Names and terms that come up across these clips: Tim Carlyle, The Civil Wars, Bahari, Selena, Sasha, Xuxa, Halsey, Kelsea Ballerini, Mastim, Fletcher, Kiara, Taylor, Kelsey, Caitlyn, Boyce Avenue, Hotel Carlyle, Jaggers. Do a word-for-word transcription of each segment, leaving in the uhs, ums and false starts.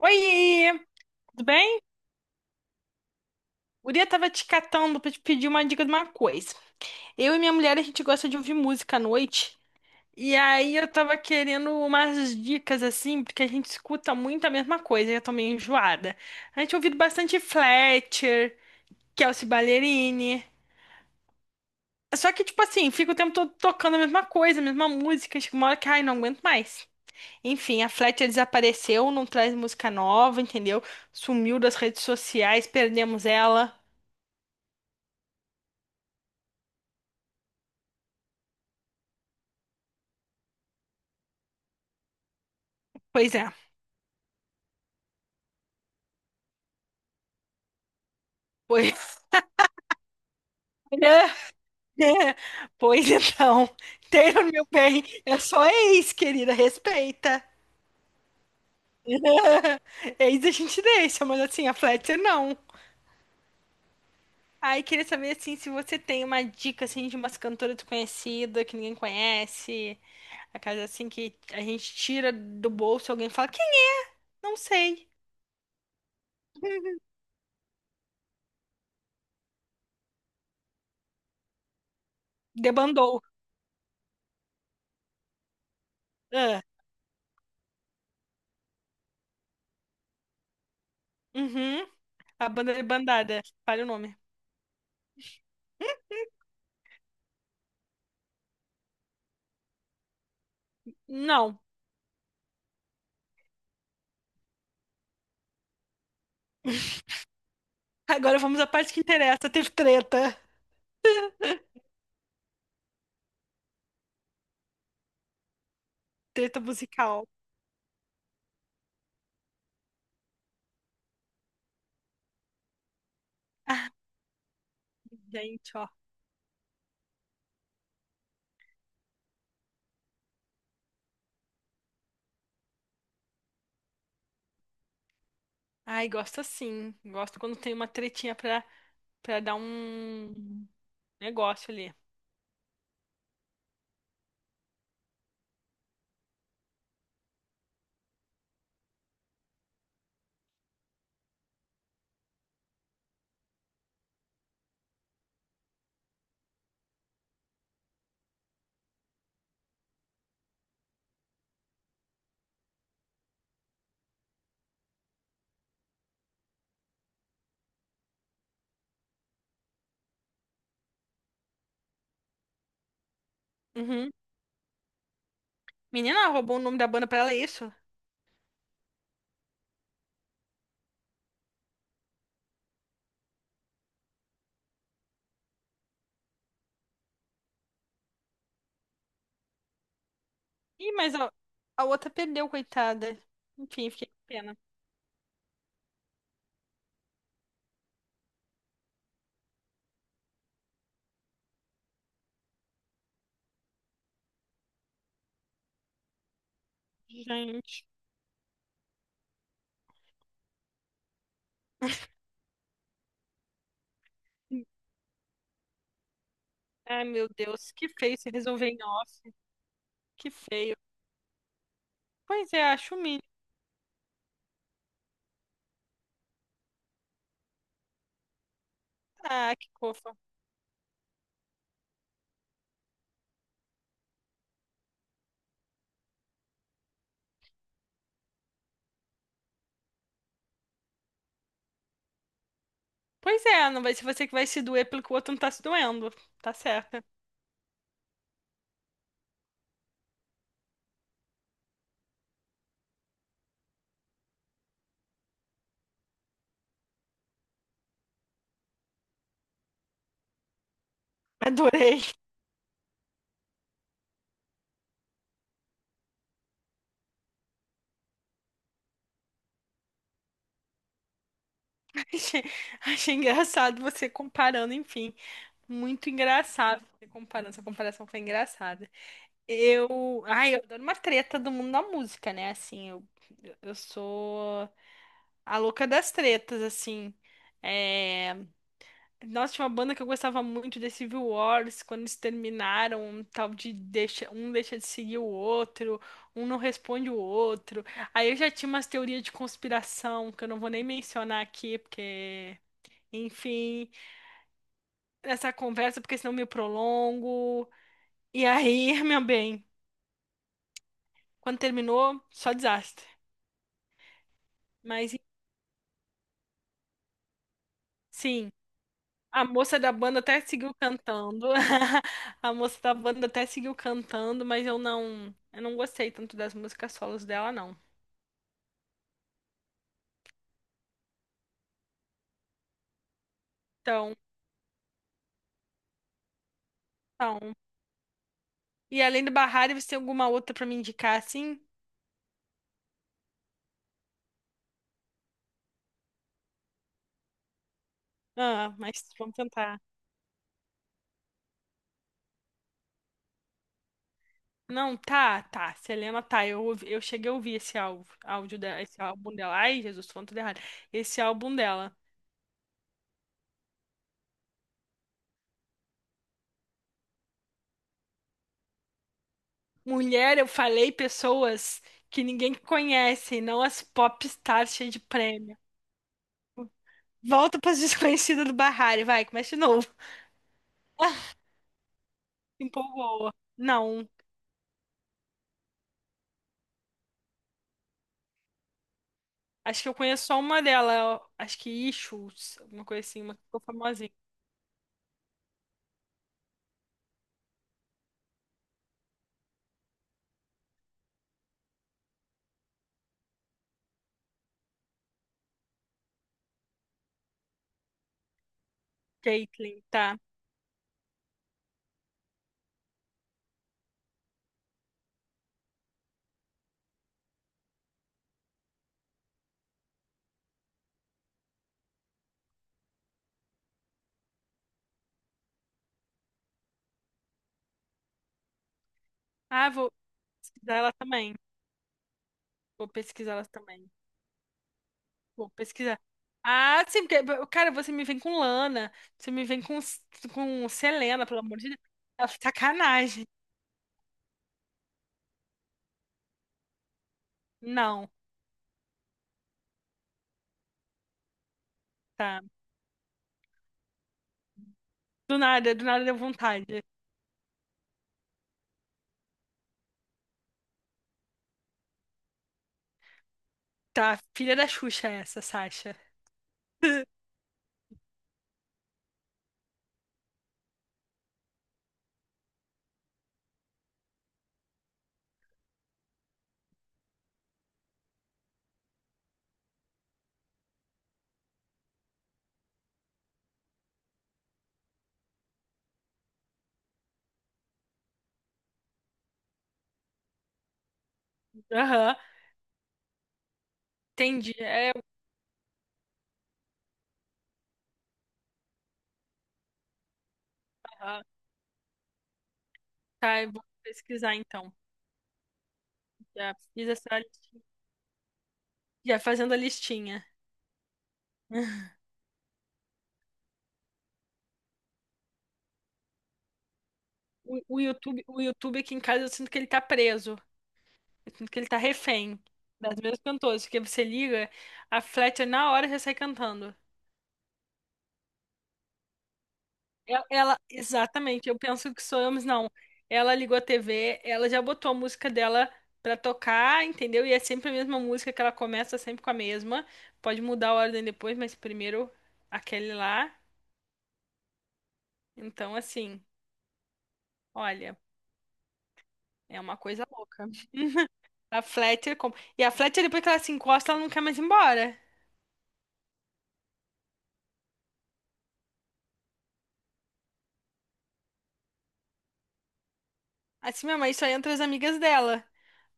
Oi, tudo bem? Guria tava te catando pra te pedir uma dica de uma coisa. Eu e minha mulher, a gente gosta de ouvir música à noite. E aí eu tava querendo umas dicas assim, porque a gente escuta muito a mesma coisa e eu tô meio enjoada. A gente ouviu bastante Fletcher, Kelsea Ballerini. Só que, tipo assim, fica o tempo todo tocando a mesma coisa, a mesma música. Chega uma hora que, ai, não aguento mais. Enfim, a Fletcher desapareceu, não traz música nova, entendeu? Sumiu das redes sociais, perdemos ela. Pois é. Pois, olha, é, pois então, Taylor, meu bem, é só ex, querida, respeita. Ex a gente deixa, mas assim, a Fletcher não. Aí queria saber, assim, se você tem uma dica, assim, de umas cantoras desconhecidas, que ninguém conhece, a casa, assim, que a gente tira do bolso e alguém fala, quem? Não sei. Debandou. Ah, uhum, a banda debandada, fale o nome. Não. Agora vamos à parte que interessa, teve treta, treta musical. Gente, ó. Ai, gosto assim. Gosto quando tem uma tretinha pra, pra dar um negócio ali. Uhum. Menina, roubou o nome da banda pra ela, é isso? Ih, mas a, a outra perdeu, coitada. Enfim, fiquei com pena. Gente. Ai, meu Deus, que feio se resolver em off. Que feio. Pois é, acho o mínimo. Ah, que fofa. Pois é, não vai ser você que vai se doer pelo que o outro não tá se doendo. Tá certa. Adorei. Achei, achei engraçado você comparando, enfim. Muito engraçado essa comparação. Essa comparação foi engraçada. Eu. Ai, eu adoro uma treta do mundo da música, né? Assim, eu, eu sou a louca das tretas, assim. É... Nossa, tinha uma banda que eu gostava muito, The Civil Wars, quando eles terminaram, um tal de deixa, um deixa de seguir o outro, um não responde o outro. Aí eu já tinha umas teorias de conspiração que eu não vou nem mencionar aqui, porque. Enfim, essa conversa, porque senão eu me prolongo. E aí, meu bem, quando terminou, só desastre. Mas sim, a moça da banda até seguiu cantando. A moça da banda até seguiu cantando, mas eu não, eu não gostei tanto das músicas solos dela, não. Então, então. E além do Bahari, você tem alguma outra pra me indicar, assim? Ah, mas vamos tentar. Não, tá, tá. Selena, tá. Eu, ouvi- eu cheguei a ouvir esse álbum, áudio dela, esse álbum dela. Ai, Jesus, tô falando tudo errado. Esse álbum dela. Mulher, eu falei pessoas que ninguém conhece, não as pop stars cheias de prêmio. Volta para as desconhecidas do Barrari, vai, começa de novo. Empolgou. Não, acho que eu conheço só uma dela, acho que Issues, alguma coisa assim, uma que ficou famosinha. Caitlyn, tá. Ah, vou pesquisar ela também. Vou pesquisar ela também. Vou pesquisar. Ah, sim, porque, cara, você me vem com Lana, você me vem com, com Selena, pelo amor de Deus. Tá sacanagem. Não. Tá. Do nada, do nada deu vontade. Tá, filha da Xuxa essa, Sasha. Aham, entendi. É, aham. Tá, eu vou pesquisar então. Já fiz essa listinha. Já fazendo a listinha. O, o YouTube, o YouTube aqui em casa eu sinto que ele tá preso. Eu sinto que ele tá refém das mesmas cantoras. Porque você liga, a Fletcher na hora já sai cantando. E- Ela, exatamente, eu penso que sou eu, mas não. Ela ligou a T V, ela já botou a música dela pra tocar, entendeu? E é sempre a mesma música que ela começa sempre com a mesma. Pode mudar a ordem depois, mas primeiro aquele lá. Então, assim, olha, é uma coisa louca. A Fletcher. com- E a Fletcher, depois que ela se encosta, ela não quer mais ir embora. Assim, minha mãe só entra as amigas dela.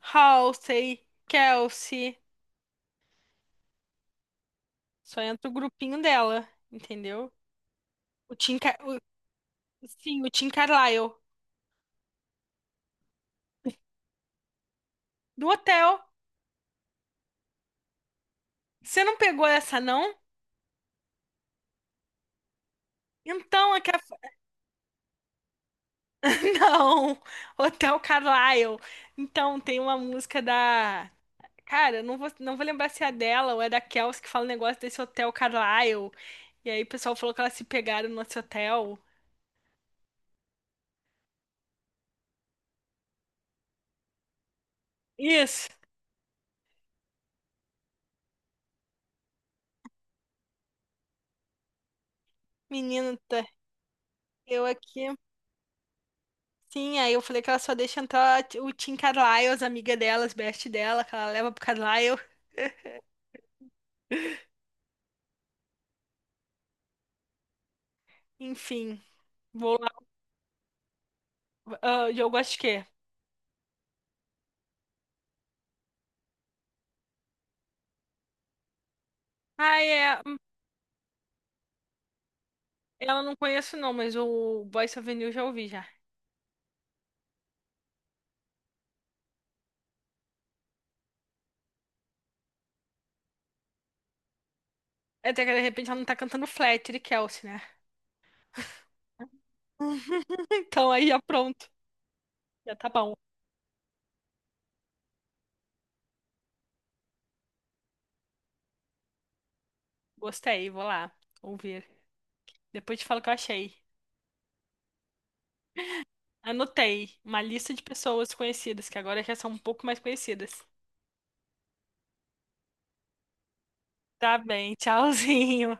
Halsey, Kelsey. Só entra o grupinho dela, entendeu? O Tim, sim, o Tim Carlyle. Do hotel. Você não pegou essa, não? Então, é que a... Não! Hotel Carlyle. Então, tem uma música da... Cara, eu não vou, não vou lembrar se é dela ou é da Kelsey que fala o negócio desse Hotel Carlyle. E aí o pessoal falou que elas se pegaram no nosso hotel. Isso! Menino, tá- eu aqui... Sim, aí eu falei que ela só deixa entrar o Tim Carlyle, as amigas delas, best dela, que ela leva pro Carlyle. Enfim, vou lá. Ah, o jogo acho que é. Ah, é. Ela não conheço não, mas o Boyce Avenue eu já ouvi já. Até que de repente ela não tá cantando Fletcher e Kelsey, né? Então aí já pronto. Já tá bom. Gostei, vou lá ouvir. Depois te falo o que eu achei. Anotei uma lista de pessoas conhecidas, que agora já são um pouco mais conhecidas. Tá bem, tchauzinho.